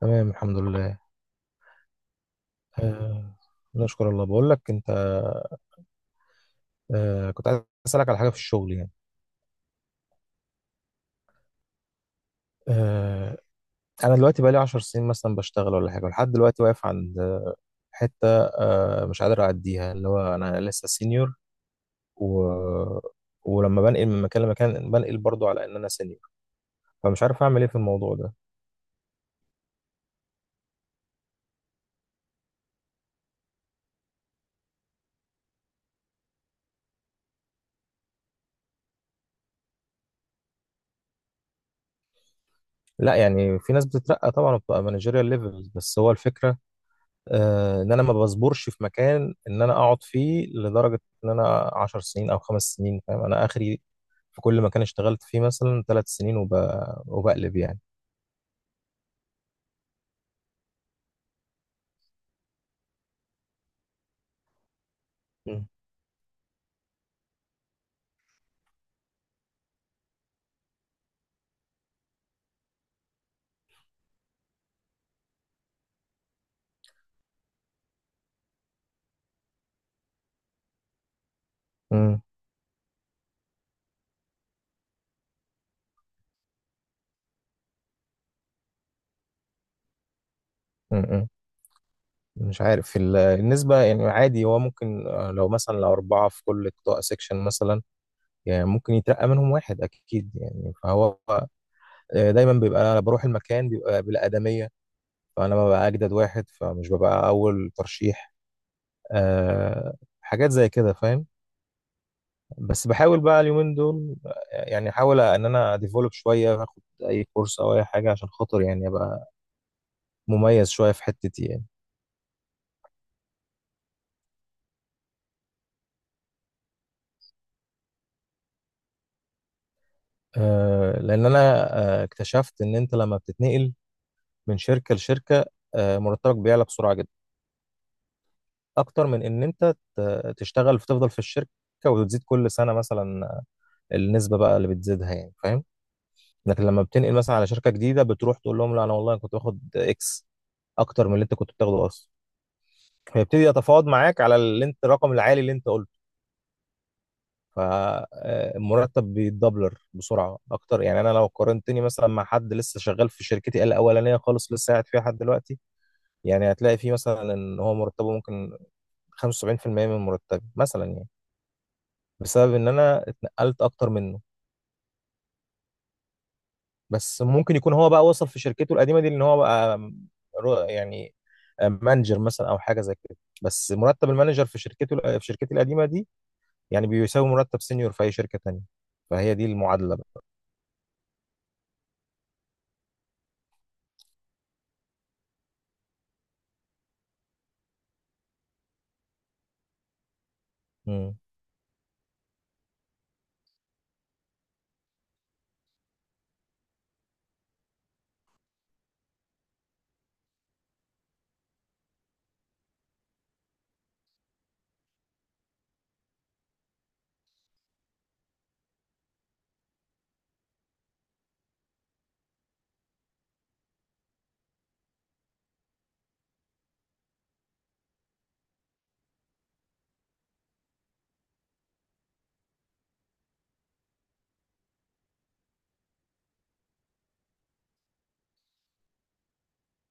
تمام الحمد لله. آه نشكر الله. بقول لك انت، كنت عايز اسالك على حاجه في الشغل يعني. آه انا دلوقتي بقالي 10 سنين مثلا بشتغل ولا حاجه، ولحد دلوقتي واقف عند حته، مش قادر اعديها، اللي هو انا لسه سينيور و... ولما بنقل من مكان لمكان بنقل برضو على ان انا سينيور، فمش عارف اعمل ايه في الموضوع ده. لا يعني في ناس بتترقى طبعا وبتبقى مانجيريال ليفلز، بس هو الفكره، ان انا ما بصبرش في مكان ان انا اقعد فيه لدرجه ان انا 10 سنين او خمس سنين، فاهم انا اخري. في كل مكان اشتغلت فيه مثلا ثلاث سنين وبقلب يعني. مم. مم. مم. مش عارف في النسبه، يعني عادي. هو ممكن لو مثلا لو اربعه في كل قطاع سيكشن مثلا، يعني ممكن يترقى منهم واحد اكيد يعني. فهو دايما بيبقى انا بروح المكان بيبقى بالادميه، فانا ببقى اجدد واحد فمش ببقى اول ترشيح. آه، حاجات زي كده فاهم. بس بحاول بقى اليومين دول يعني احاول ان انا ديفلوب شويه، اخد اي كورس او اي حاجه عشان خاطر يعني ابقى مميز شويه في حتتي يعني. أه لان انا اكتشفت ان انت لما بتتنقل من شركه لشركه، أه مرتبك بيعلى بسرعه جدا اكتر من ان انت تشتغل فتفضل في الشركه وتزيد كل سنه مثلا، النسبه بقى اللي بتزيدها يعني فاهم. لكن لما بتنقل مثلا على شركه جديده بتروح تقول لهم لا انا والله كنت باخد اكس اكتر من اللي انت كنت بتاخده اصلا، فيبتدي يتفاوض معاك على اللي انت الرقم العالي اللي انت قلته. فالمرتب بيتدبلر بسرعه اكتر يعني. انا لو قارنتني مثلا مع حد لسه شغال في شركتي الاولانيه خالص لسه قاعد فيها لحد دلوقتي، يعني هتلاقي فيه مثلا ان هو مرتبه ممكن 75% من مرتبي مثلا يعني، بسبب ان انا اتنقلت اكتر منه. بس ممكن يكون هو بقى وصل في شركته القديمه دي ان هو بقى يعني مانجر مثلا او حاجه زي كده، بس مرتب المانجر في شركته، في شركتي القديمه دي، يعني بيساوي مرتب سينيور في اي شركه تانية. فهي دي المعادله بقى. امم.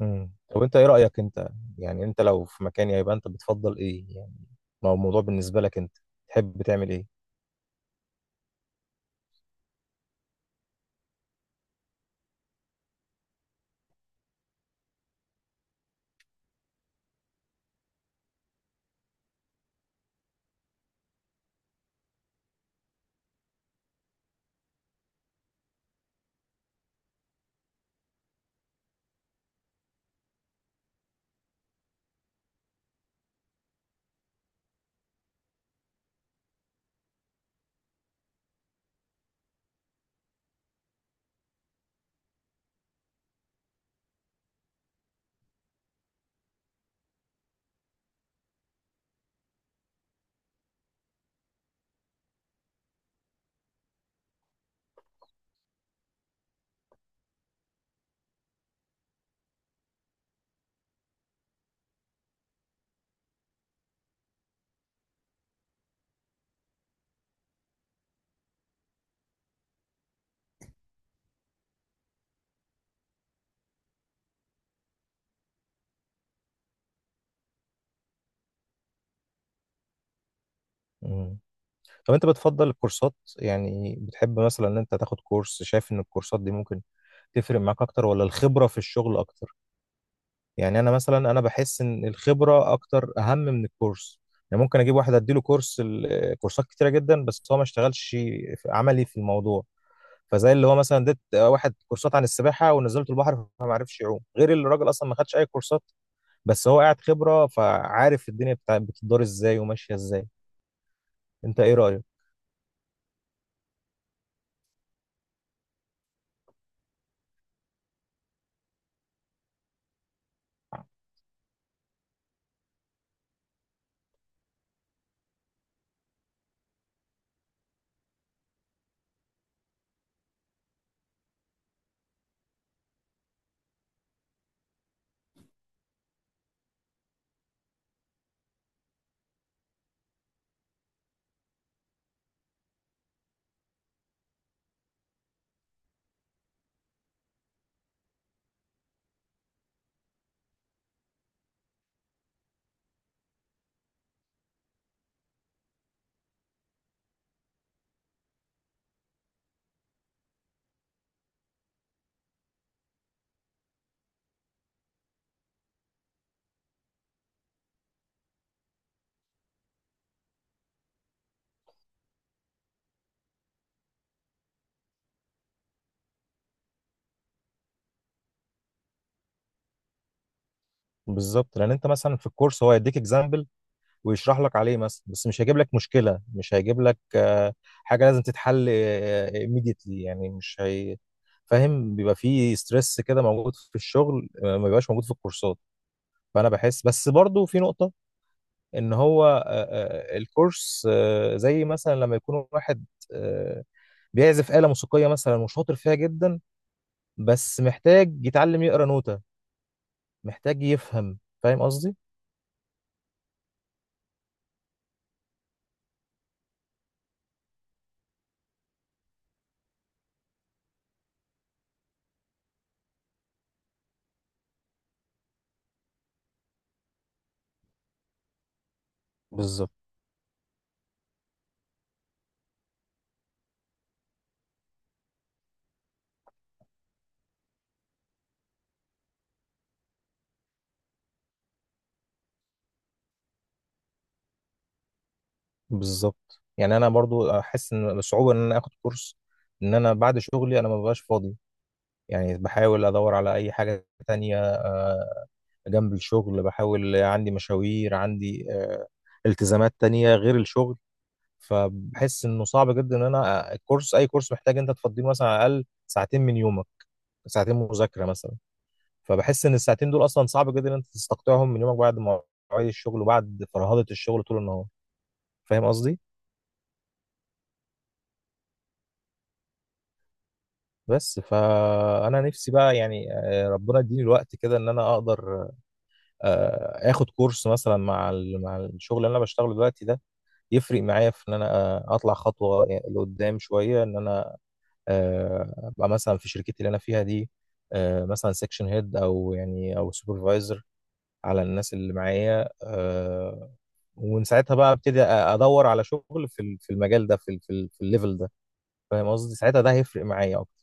امم، طب انت ايه رايك انت؟ يعني انت لو في مكاني هيبقى انت بتفضل ايه يعني؟ ما هو الموضوع بالنسبه لك انت، تحب تعمل ايه؟ امم، طب انت بتفضل الكورسات؟ يعني بتحب مثلا ان انت تاخد كورس؟ شايف ان الكورسات دي ممكن تفرق معاك اكتر ولا الخبره في الشغل اكتر؟ يعني انا مثلا انا بحس ان الخبره اكتر اهم من الكورس. يعني ممكن اجيب واحد اديله كورس كورسات كتيره جدا، بس هو ما اشتغلش عملي في الموضوع. فزي اللي هو مثلا اديت واحد كورسات عن السباحه ونزلته البحر فما عرفش يعوم، غير اللي الراجل اصلا ما خدش اي كورسات بس هو قاعد خبره فعارف الدنيا بتاع بتدار ازاي وماشيه ازاي. انت ايه رايك؟ بالظبط، لان انت مثلا في الكورس هو يديك اكزامبل ويشرح لك عليه مثلا، بس مش هيجيب لك مشكله، مش هيجيب لك حاجه لازم تتحل immediately يعني، مش هي. فاهم بيبقى في ستريس كده موجود في الشغل ما بيبقاش موجود في الكورسات. فانا بحس بس برضو في نقطه ان هو الكورس زي مثلا لما يكون واحد آه، بيعزف آلة موسيقية مثلا وشاطر فيها جدا، بس محتاج يتعلم يقرا نوتة، محتاج يفهم. فاهم قصدي؟ بالظبط. يعني انا برضو احس ان بصعوبة ان انا اخد كورس. ان انا بعد شغلي انا ما ببقاش فاضي، يعني بحاول ادور على اي حاجة تانية جنب الشغل. بحاول عندي مشاوير، عندي التزامات تانية غير الشغل. فبحس انه صعب جدا ان انا الكورس، اي كورس محتاج انت تفضيه مثلا على الاقل ساعتين من يومك، ساعتين مذاكره مثلا. فبحس ان الساعتين دول اصلا صعب جدا ان انت تستقطعهم من يومك بعد مواعيد الشغل وبعد فرهضه الشغل طول النهار. فاهم قصدي؟ بس فانا نفسي بقى يعني ربنا يديني الوقت كده ان انا اقدر اخد كورس مثلا مع مع الشغل اللي انا بشتغله دلوقتي ده، يفرق معايا في ان انا اطلع خطوه يعني لقدام شويه، ان انا ابقى مثلا في شركتي اللي انا فيها دي مثلا سيكشن هيد او يعني او سوبرفايزر على الناس اللي معايا. ومن ساعتها بقى ابتدي ادور على شغل في في المجال ده، في في الليفل ده. فاهم قصدي؟ ساعتها ده هيفرق معايا اكتر.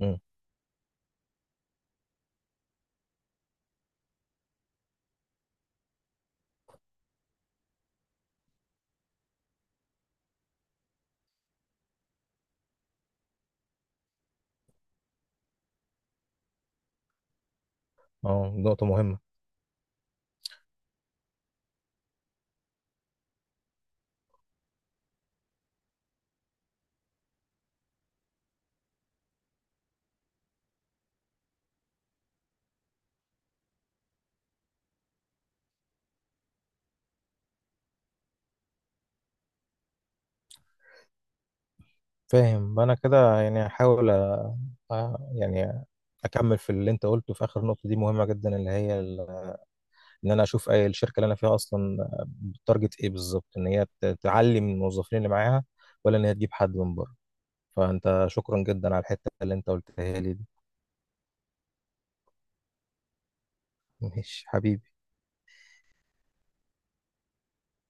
مم. اه، نقطة مهمة. فاهم انا كده. يعني هحاول يعني اكمل في اللي انت قلته في اخر نقطة دي، مهمة جدا، اللي هي ان انا اشوف اي الشركة اللي انا فيها اصلا تارجت ايه بالظبط، ان هي تعلي من الموظفين اللي معاها ولا ان هي تجيب حد من بره. فانت شكرا جدا على الحته اللي انت قلتها لي دي. ماشي حبيبي.